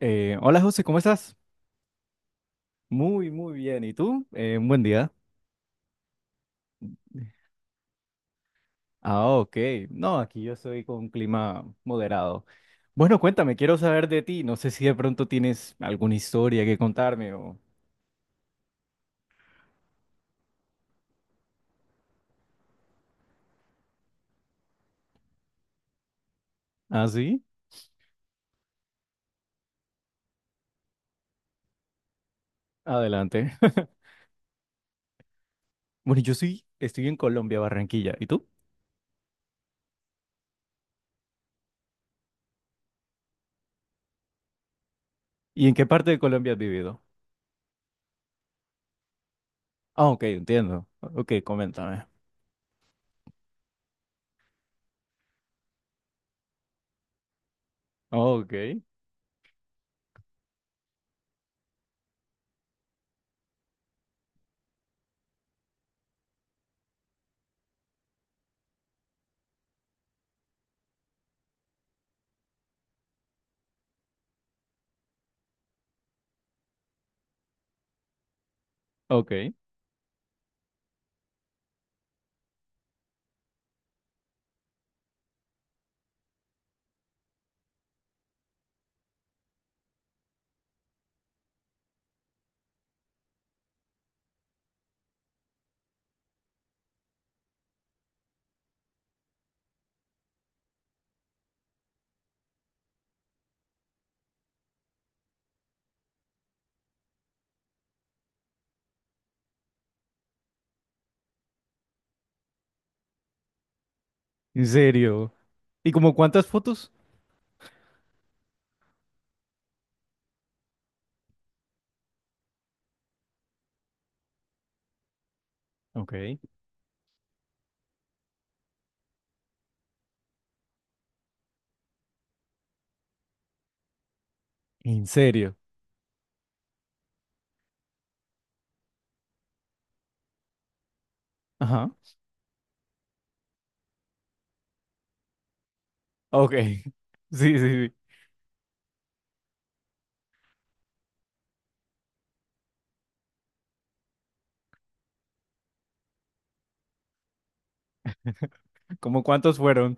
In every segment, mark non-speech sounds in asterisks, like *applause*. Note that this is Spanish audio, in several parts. Hola José, ¿cómo estás? Muy, muy bien. ¿Y tú? Un buen día. Ah, ok. No, aquí yo soy con un clima moderado. Bueno, cuéntame, quiero saber de ti. No sé si de pronto tienes alguna historia que contarme o... ¿Ah, sí? Adelante. *laughs* Bueno, yo sí, estoy en Colombia, Barranquilla. ¿Y tú? ¿Y en qué parte de Colombia has vivido? Ah, ok, entiendo. Ok, coméntame. Ok, ok. ¿En serio? ¿Y como cuántas fotos? Ok. ¿En serio? Ajá. Ok. *laughs* Sí, sí, sí. ¿Cómo cuántos fueron?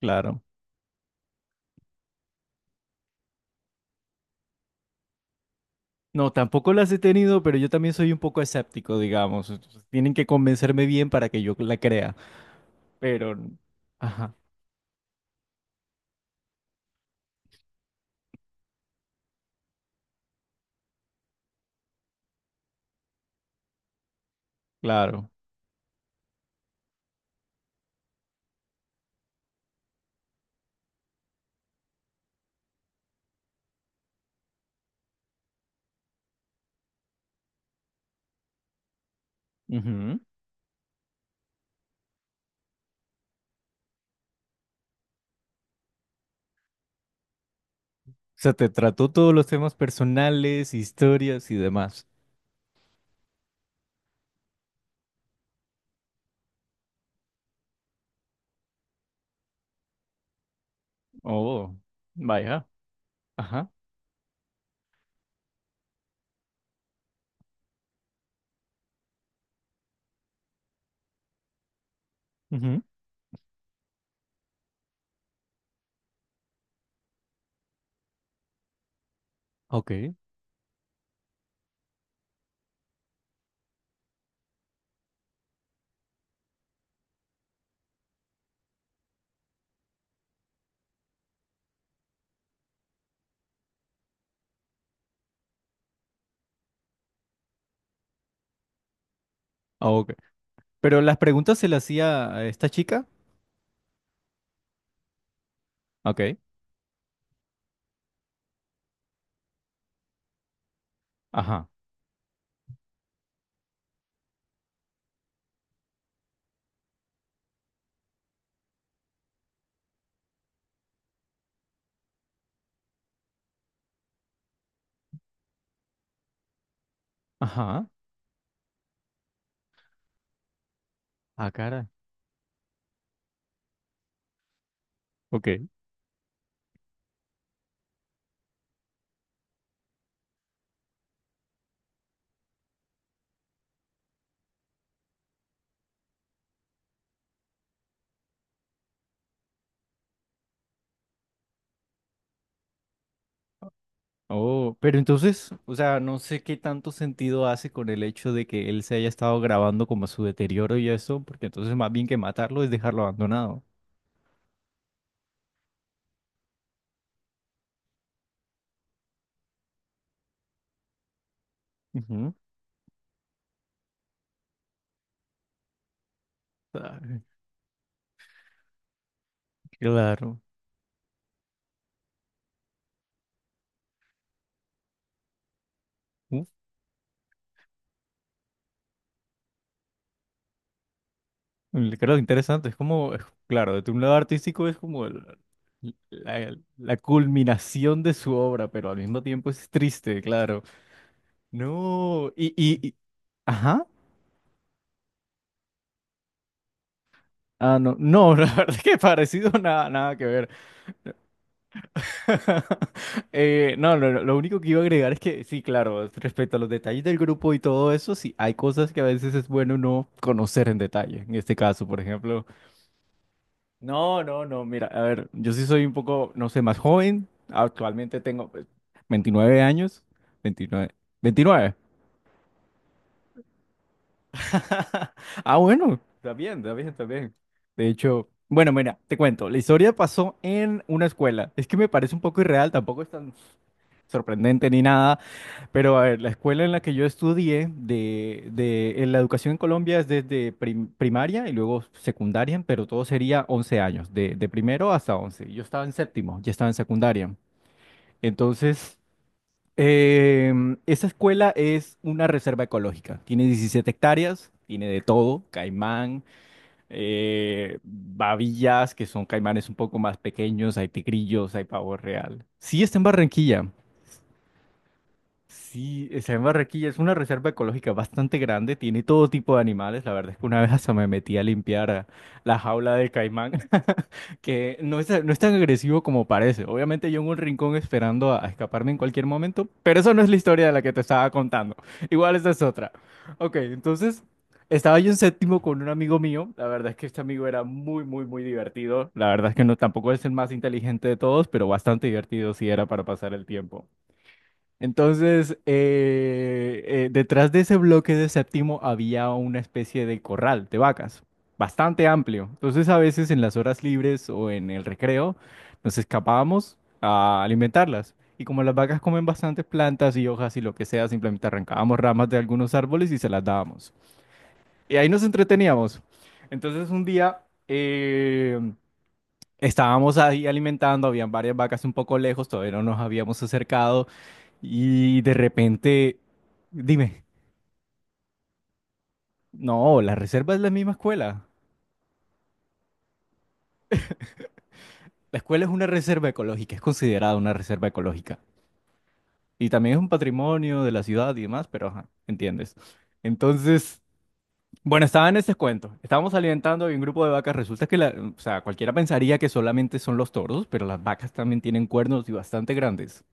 Claro. No, tampoco las he tenido, pero yo también soy un poco escéptico, digamos. Entonces, tienen que convencerme bien para que yo la crea. Pero, ajá, claro. Ujú. O sea, te trató todos los temas personales, historias y demás. Oh, vaya. Ajá. Ujú. Ok. Ah, ok. Pero las preguntas se las hacía a esta chica. Ok. Ajá. Ajá. Ah, cara. Ok. Oh, pero entonces, o sea, no sé qué tanto sentido hace con el hecho de que él se haya estado grabando como su deterioro y eso, porque entonces más bien que matarlo es dejarlo abandonado. Ujú. Ah, claro. Uf, claro, interesante. Es como, claro, desde un lado artístico es como la, la culminación de su obra, pero al mismo tiempo es triste, claro. No, ajá. Ah, no, no, *laughs* la verdad es que parecido nada, nada que ver. *laughs* No, no, no, lo único que iba a agregar es que sí, claro, respecto a los detalles del grupo y todo eso, sí, hay cosas que a veces es bueno no conocer en detalle. En este caso, por ejemplo, no, no, no, mira, a ver, yo sí soy un poco, no sé, más joven. Actualmente tengo pues, 29 años. 29. 29. *laughs* Ah, bueno, está bien, está bien, está bien. De hecho, bueno, mira, te cuento, la historia pasó en una escuela. Es que me parece un poco irreal, tampoco es tan sorprendente ni nada, pero a ver, la escuela en la que yo estudié de en la educación en Colombia es desde primaria y luego secundaria, pero todo sería 11 años, de primero hasta once. Yo estaba en séptimo, ya estaba en secundaria. Entonces, esa escuela es una reserva ecológica, tiene 17 hectáreas, tiene de todo, caimán, babillas, que son caimanes un poco más pequeños, hay tigrillos, hay pavo real. Sí, está en Barranquilla. Sí, está en Barranquilla, es una reserva ecológica bastante grande, tiene todo tipo de animales. La verdad es que una vez hasta me metí a limpiar ah, la jaula de caimán, *laughs* que no es, no es tan agresivo como parece. Obviamente yo en un rincón esperando a escaparme en cualquier momento, pero eso no es la historia de la que te estaba contando. Igual esa es otra. Ok, entonces estaba yo en séptimo con un amigo mío. La verdad es que este amigo era muy, muy, muy divertido. La verdad es que no, tampoco es el más inteligente de todos, pero bastante divertido si era para pasar el tiempo. Entonces, detrás de ese bloque de séptimo había una especie de corral de vacas, bastante amplio. Entonces, a veces en las horas libres o en el recreo, nos escapábamos a alimentarlas. Y como las vacas comen bastantes plantas y hojas y lo que sea, simplemente arrancábamos ramas de algunos árboles y se las dábamos. Y ahí nos entreteníamos. Entonces, un día eh, estábamos ahí alimentando, habían varias vacas un poco lejos, todavía no nos habíamos acercado. Y de repente, dime, no, la reserva es la misma escuela. La escuela es una reserva ecológica, es considerada una reserva ecológica. Y también es un patrimonio de la ciudad y demás, pero ajá, entiendes. Entonces, bueno, estaba en ese cuento. Estábamos alimentando y un grupo de vacas. Resulta que o sea, cualquiera pensaría que solamente son los toros, pero las vacas también tienen cuernos y bastante grandes.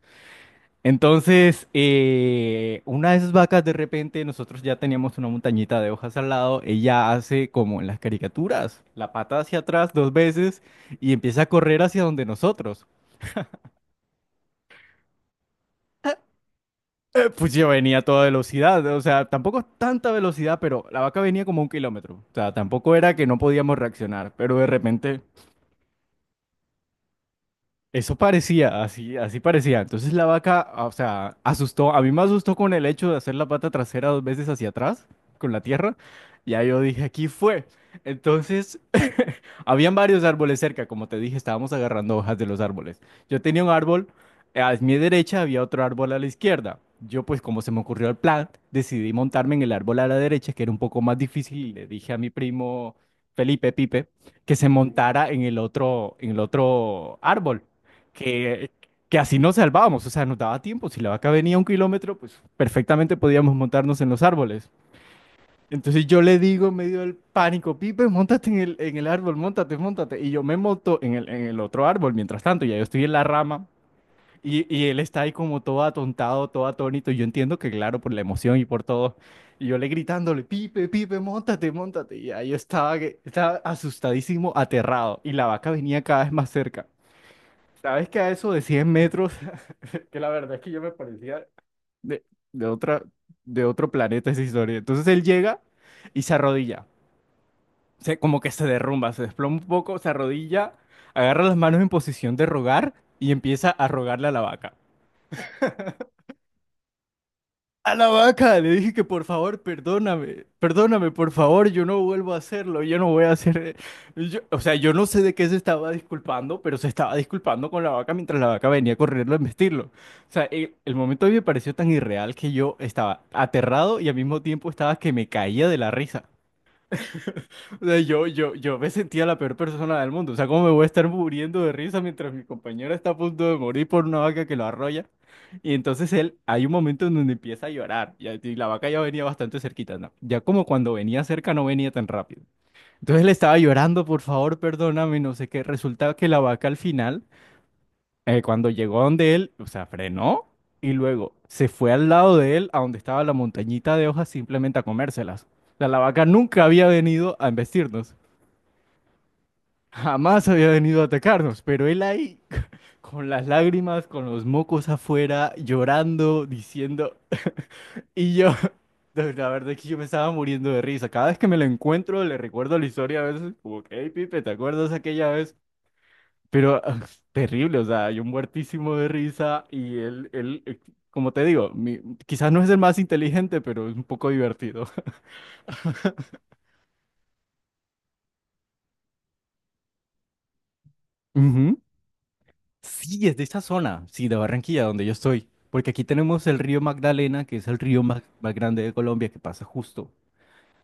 Entonces, una de esas vacas de repente, nosotros ya teníamos una montañita de hojas al lado, ella hace como en las caricaturas, la pata hacia atrás dos veces y empieza a correr hacia donde nosotros. Pues yo venía a toda velocidad, o sea, tampoco tanta velocidad, pero la vaca venía como un kilómetro, o sea, tampoco era que no podíamos reaccionar, pero de repente eso parecía, así, así parecía. Entonces la vaca, ah, o sea, asustó. A mí me asustó con el hecho de hacer la pata trasera dos veces hacia atrás, con la tierra. Ya yo dije, aquí fue. Entonces, *laughs* habían varios árboles cerca. Como te dije, estábamos agarrando hojas de los árboles. Yo tenía un árbol, a mi derecha había otro árbol a la izquierda. Yo, pues, como se me ocurrió el plan, decidí montarme en el árbol a la derecha, que era un poco más difícil. Y le dije a mi primo Felipe Pipe que se montara en el otro árbol, que, que así nos salvábamos, o sea, nos daba tiempo, si la vaca venía un kilómetro, pues perfectamente podíamos montarnos en los árboles. Entonces yo le digo en medio del pánico, Pipe, montate en en el árbol, montate, montate. Y yo me monto en en el otro árbol, mientras tanto, ya yo estoy en la rama y él está ahí como todo atontado, todo atónito. Y yo entiendo que, claro, por la emoción y por todo. Y yo le gritándole, Pipe, Pipe, montate, montate. Y ahí yo estaba, estaba asustadísimo, aterrado. Y la vaca venía cada vez más cerca. ¿Sabes que a eso de 100 metros? Que la verdad es que yo me parecía de, de otra, de otro planeta esa historia. Entonces él llega y se arrodilla, se, como que se derrumba, se desploma un poco, se arrodilla, agarra las manos en posición de rogar y empieza a rogarle a la vaca. A la vaca, le dije que por favor, perdóname, perdóname, por favor, yo no vuelvo a hacerlo, yo no voy a hacer... o sea, yo no sé de qué se estaba disculpando, pero se estaba disculpando con la vaca mientras la vaca venía corriendo a embestirlo. O sea, el momento a mí me pareció tan irreal que yo estaba aterrado y al mismo tiempo estaba que me caía de la risa. O sea, yo me sentía la peor persona del mundo. O sea, ¿cómo me voy a estar muriendo de risa mientras mi compañera está a punto de morir por una vaca que lo arrolla? Y entonces él, hay un momento en donde empieza a llorar. Y la vaca ya venía bastante cerquita, ¿no? Ya como cuando venía cerca no venía tan rápido. Entonces le estaba llorando, por favor, perdóname, no sé qué. Resulta que la vaca al final, cuando llegó donde él, o sea, frenó y luego se fue al lado de él, a donde estaba la montañita de hojas, simplemente a comérselas. O sea, la vaca nunca había venido a embestirnos. Jamás había venido a atacarnos, pero él ahí, *laughs* con las lágrimas, con los mocos afuera, llorando, diciendo, y yo, *laughs* la verdad es que yo me estaba muriendo de risa. Cada vez que me lo encuentro, le recuerdo la historia a veces, como que, hey, Pipe, ¿te acuerdas aquella vez? Pero *laughs* ah, terrible, o sea, yo muertísimo de risa y él, como te digo, quizás no es el más inteligente, pero es un poco divertido. *laughs* Ujú. Sí, es de esta zona, sí, de Barranquilla, donde yo estoy. Porque aquí tenemos el río Magdalena, que es el río más, más grande de Colombia, que pasa justo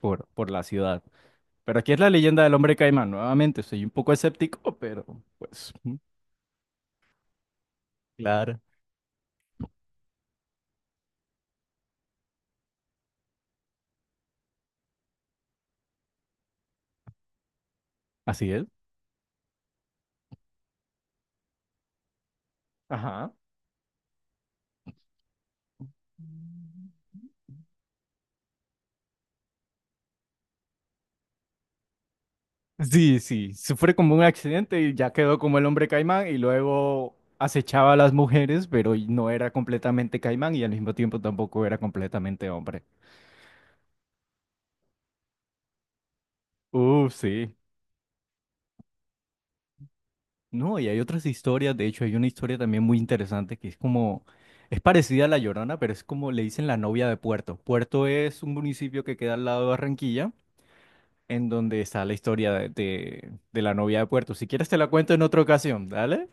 por la ciudad. Pero aquí es la leyenda del hombre caimán. Nuevamente, soy un poco escéptico, pero pues, mm, claro, así es. Ajá. Sí, sí, sufre como un accidente y ya quedó como el hombre caimán y luego acechaba a las mujeres, pero y no era completamente caimán y al mismo tiempo tampoco era completamente hombre. Uf, sí. No, y hay otras historias, de hecho hay una historia también muy interesante que es como, es parecida a La Llorona, pero es como le dicen la novia de Puerto. Puerto es un municipio que queda al lado de Barranquilla, en donde está la historia de, de la novia de Puerto. Si quieres te la cuento en otra ocasión, ¿dale?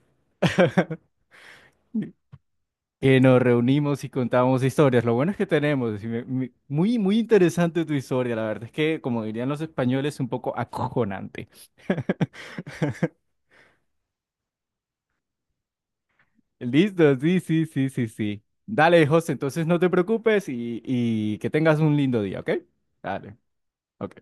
Que nos reunimos y contamos historias. Lo bueno es que tenemos, y muy, muy interesante tu historia, la verdad es que, como dirían los españoles, un poco acojonante. Listo, sí, sí, sí, sí, sí. Dale, José, entonces no te preocupes y que tengas un lindo día, ¿ok? Dale, ok.